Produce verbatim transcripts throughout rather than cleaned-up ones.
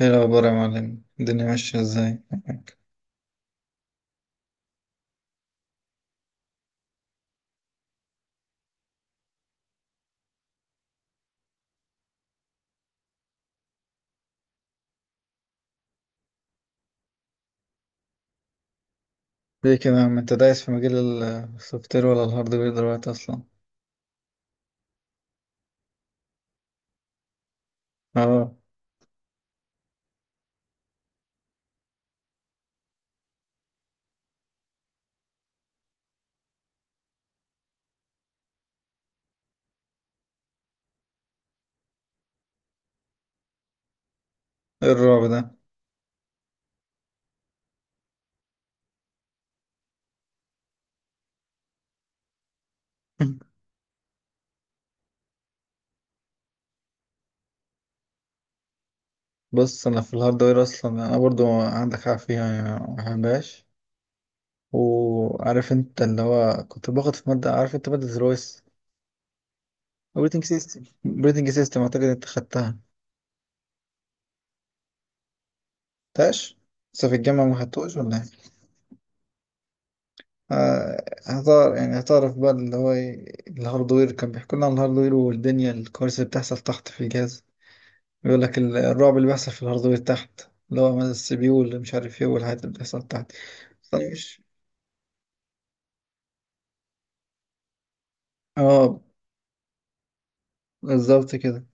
ايه الاخبار يا معلم؟ الدنيا ماشيه ازاي معاك؟ ليه كده يا عم؟ انت دايس في مجال ال- السوفت وير ولا الهاردوير دلوقتي اصلا؟ اه، ايه الرعب ده؟ بص، انا في الهاردوير اصلا انا برضو عندك حق فيها يا حباش. وعارف انت اللي هو كنت باخد في ماده، عارف انت ماده الرويس، اوبريتنج سيستم اوبريتنج سيستم اعتقد انت خدتها. تاش، لسه في الجامعه ما خدتوش ولا إيه؟ آه، هزار يعني، هزار في بال اللي هو إيه، الهاردوير كان بيحكوا لنا عن الهاردوير والدنيا، الكوارث اللي بتحصل تحت في الجهاز. بيقول لك ال- الرعب اللي بيحصل في الهاردوير تحت، اللي هو مثلا السي بي يو اللي مش عارف ايه، والحاجات اللي بتحصل تحت. طيب، ماشي. اه، بالظبط كده.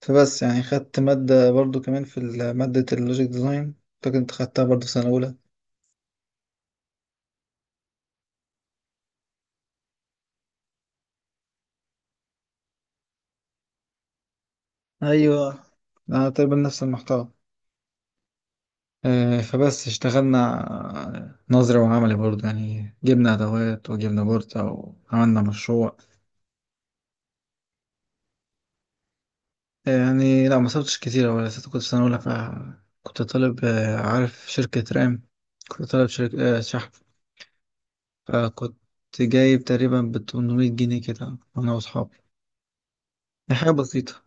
فبس يعني خدت مادة برضو كمان في ال- مادة اللوجيك ديزاين، كنت خدتها برضو في سنة أولى. ايوه، أنا تقريبا نفس المحتوى. آه، فبس اشتغلنا نظري وعملي برضه، يعني جبنا أدوات وجبنا بورصة وعملنا مشروع. آه، يعني لا، ما صرفتش كتير ولا، لسه كنت في سنة أولى، فكنت طالب، آه، عارف شركة رام، كنت طالب شركة آه، شحن، فكنت جايب تقريبا بتمنمية جنيه كده أنا وأصحابي. دي حاجة بسيطة،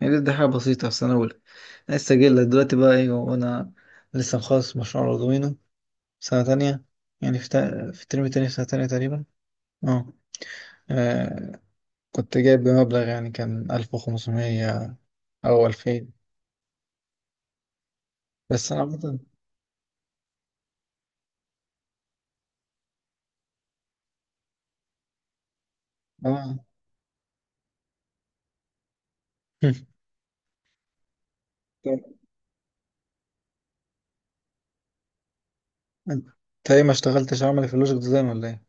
يعني دي حاجة بسيطة في سنة أولى. أنا لسه جاي لك دلوقتي بقى إيه، وأنا لسه مخلص مشروع أردوينو سنة تانية. يعني في تا- في الترم التاني في سنة تانية تقريبا. اه، آه، كنت جايب بمبلغ يعني كان ألف وخمسمية أو ألفين. بس أنا عامة آه. طب، أنت أنت إيه، ما اشتغلتش عملي في اللوجيك ديزاين ولا إيه؟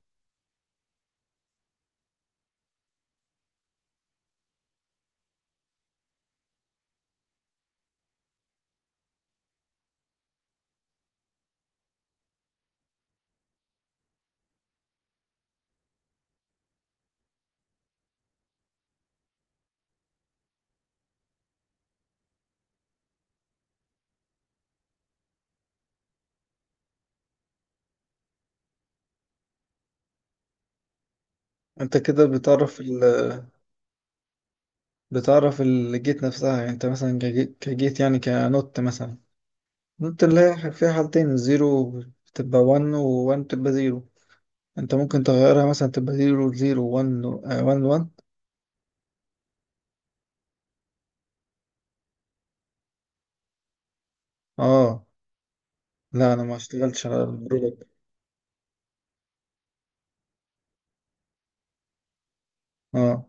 أنت كده بتعرف ال... بتعرف الجيت نفسها. يعني أنت مثلا كجي- كجيت، يعني كنوت مثلا، نوت اللي هي فيها حالتين، الزيرو بتبقى واحد و1 بتبقى زيرو. أنت ممكن تغيرها مثلا تبقى زيرو زيرو واحد واحد واحد. آه، لا، أنا ما اشتغلتش على البرودكت. آه،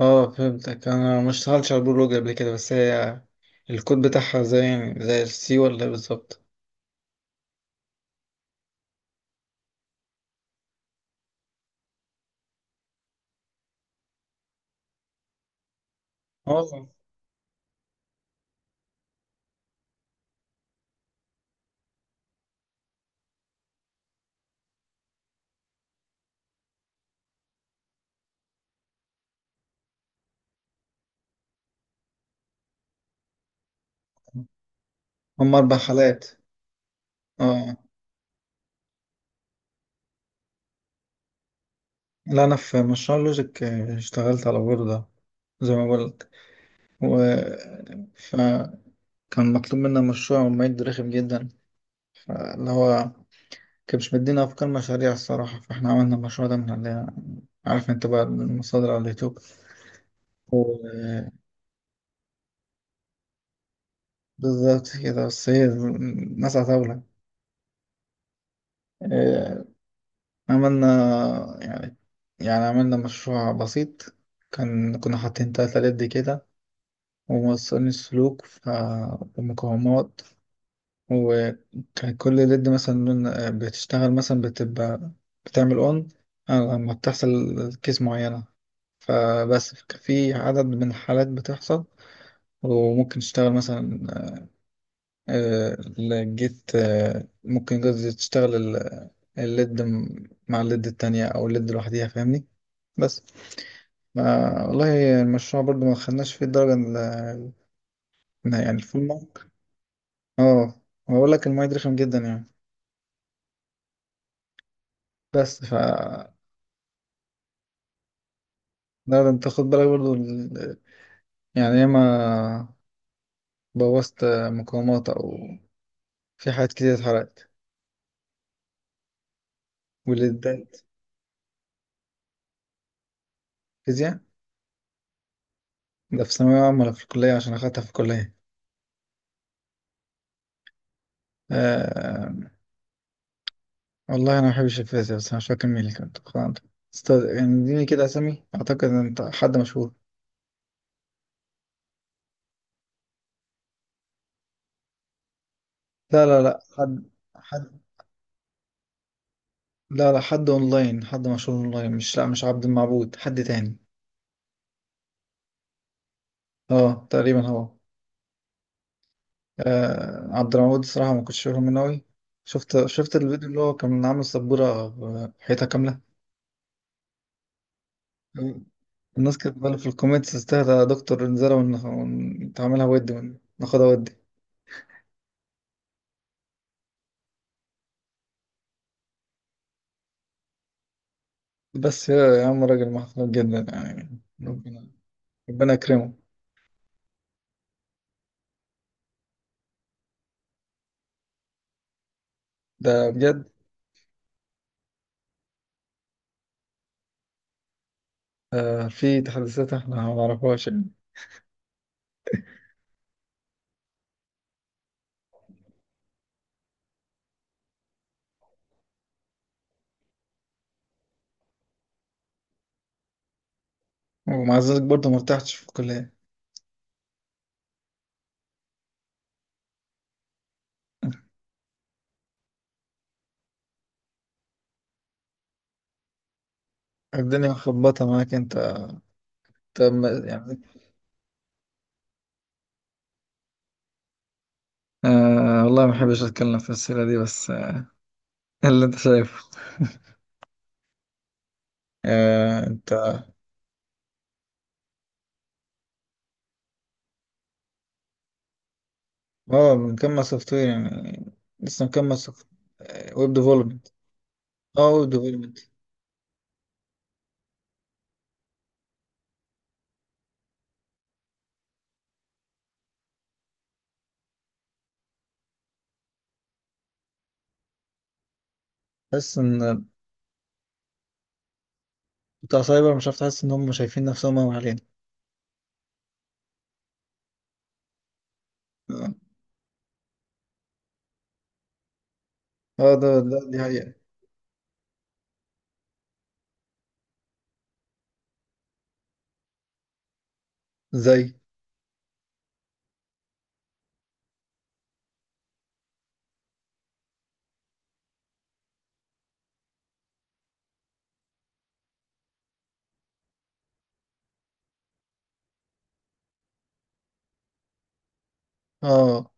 اه فهمتك. انا ما اشتغلتش على البرولوج قبل كده، بس هي الكود بتاعها زي، يعني زي السي ولا إيه بالظبط؟ اه، هم اربع حالات. اه، لا انا في مشروع لوجيك، آه، اشتغلت على بوردة زي ما قلت. و، فكان مطلوب منا مشروع، ومعد رخم جدا، اللي هو كان مش مدينا افكار مشاريع الصراحة، فاحنا عملنا المشروع ده من اللي، عارف انت بقى، من المصادر على اليوتيوب. و- بالظبط كده، بس هي ناس عتاولة. آه، عملنا، يعني، يعني عملنا مشروع بسيط. كان كنا حاطين تلاتة لد كده، وموصلين السلوك ف- ومقاومات. وكان كل لد مثلا لون- بتشتغل مثلا، بتبقى بتعمل اون لما بتحصل كيس معينة. فبس كان في عدد من الحالات بتحصل، وممكن تشتغل مثلا، آه، الجيت، آه، ممكن قصدي تشتغل ال- الليد م- مع الليد التانية، أو الليد لوحديها فاهمني. بس، ما والله المشروع برضو ما خدناش فيه الدرجة ال- يعني الفول مارك. اه، بقول لك الماية دي رخم جدا يعني. بس ف، ده انت خد بالك برضو ال... يعني ياما بوظت مقاومات، او في حاجات كتير اتحرقت واللي اتضايقت. فيزياء؟ ده في ثانوية عامة ولا في الكلية؟ عشان أخدتها في الكلية. آه، والله أنا ما بحبش الفيزياء، بس أنا مش فاكر مين اللي كان بتاخدها عندنا. استاذ يعني اديني كده أسامي، أعتقد إن أنت حد مشهور. لا لا، لا حد، لا لا، حد اونلاين، حد مشهور اونلاين، مش، لا مش عبد المعبود، حد تاني. اه تقريبا هو. آه، عبد المعبود الصراحة ما كنتش فاهم منه أوي. شفت شفت الفيديو اللي هو كان عامل سبورة حيطة كاملة. الناس كانت بقى في الكومنتس، استهدى يا دكتور، انزلها ون- ونتعاملها ود، ون- ناخدها ود. بس يا يا عم راجل محترم جدا يعني، ربنا، ربنا يكرمه ده بجد. آه، في تحديثات احنا ما نعرفهاش يعني. ومع ذلك برضه ما ارتحتش في الكلية. الدنيا مخبطة معاك انت. طب ما- يعني، آه والله ما بحبش اتكلم في السيرة دي، بس آه، اللي انت شايفه. آه، انت، اه مكمل سوفت وير يعني، لسه مكمل سوفت، ويب ديفلوبمنت. اه، ويب ديفلوبمنت. حاسس ان بتاع سايبر، مش عارف، تحس ان هم شايفين نفسهم قوي علينا. اه، آه، ده ده دي حقيقة. زي، اه،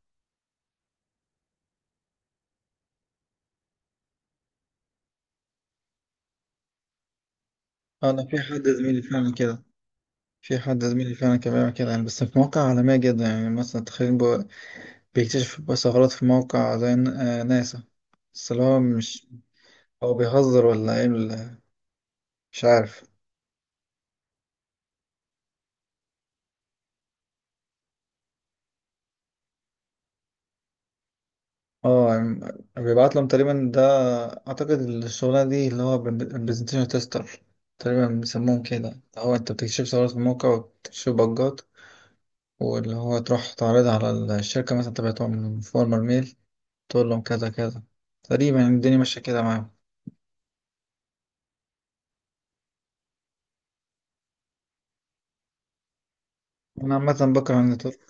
آه، انا في حد زميلي فعلا كده. في حد زميلي فعلا كان بيعمل كده يعني، بس في مواقع عالمية جدا يعني، مثلا تخيل، بو- بيكتشف ثغرات في موقع زي ن- آه، ناسا. بس اللي هو مش، هو بيهزر ولا ايه ال- مش عارف. اه، عم- بيبعت لهم تقريبا. ده اعتقد الشغلانه دي اللي هو برزنتيشن تيستر تقريبا بيسموهم كده. هو انت بتكشف ثغرات في الموقع وبتكشف بجات، واللي هو تروح تعرضها على الشركه، مثلا تبعتهم فورمر ميل، تقول لهم كذا كذا. تقريبا يعني الدنيا ماشيه كده معاهم. انا عامه بكره النتورك.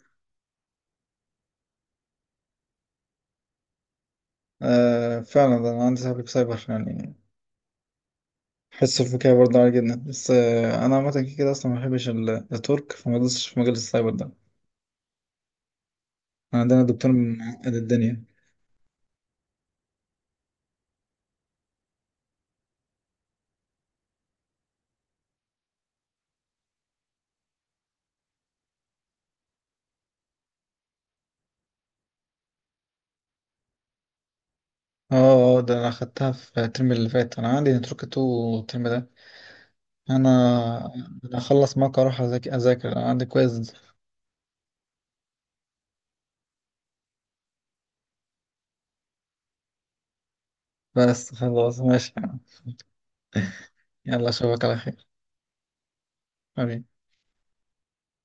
آه فعلا، ده انا عندي صاحبي في سايبر يعني، حس الفكاهة برضه عالي جدا. بس آه، انا عامه كده اصلا ما بحبش النتورك، فما دوستش في مجال السايبر ده. عندنا دكتور معقد الدنيا. اه اه، ده انا اخدتها في الترم اللي فات، انا عندي نتركة تو الترم ده. انا انا اخلص معاك اروح اذاكر، اذاكر انا عندي كويز. بس خلاص، ماشي. يلا اشوفك على خير، حبيبي.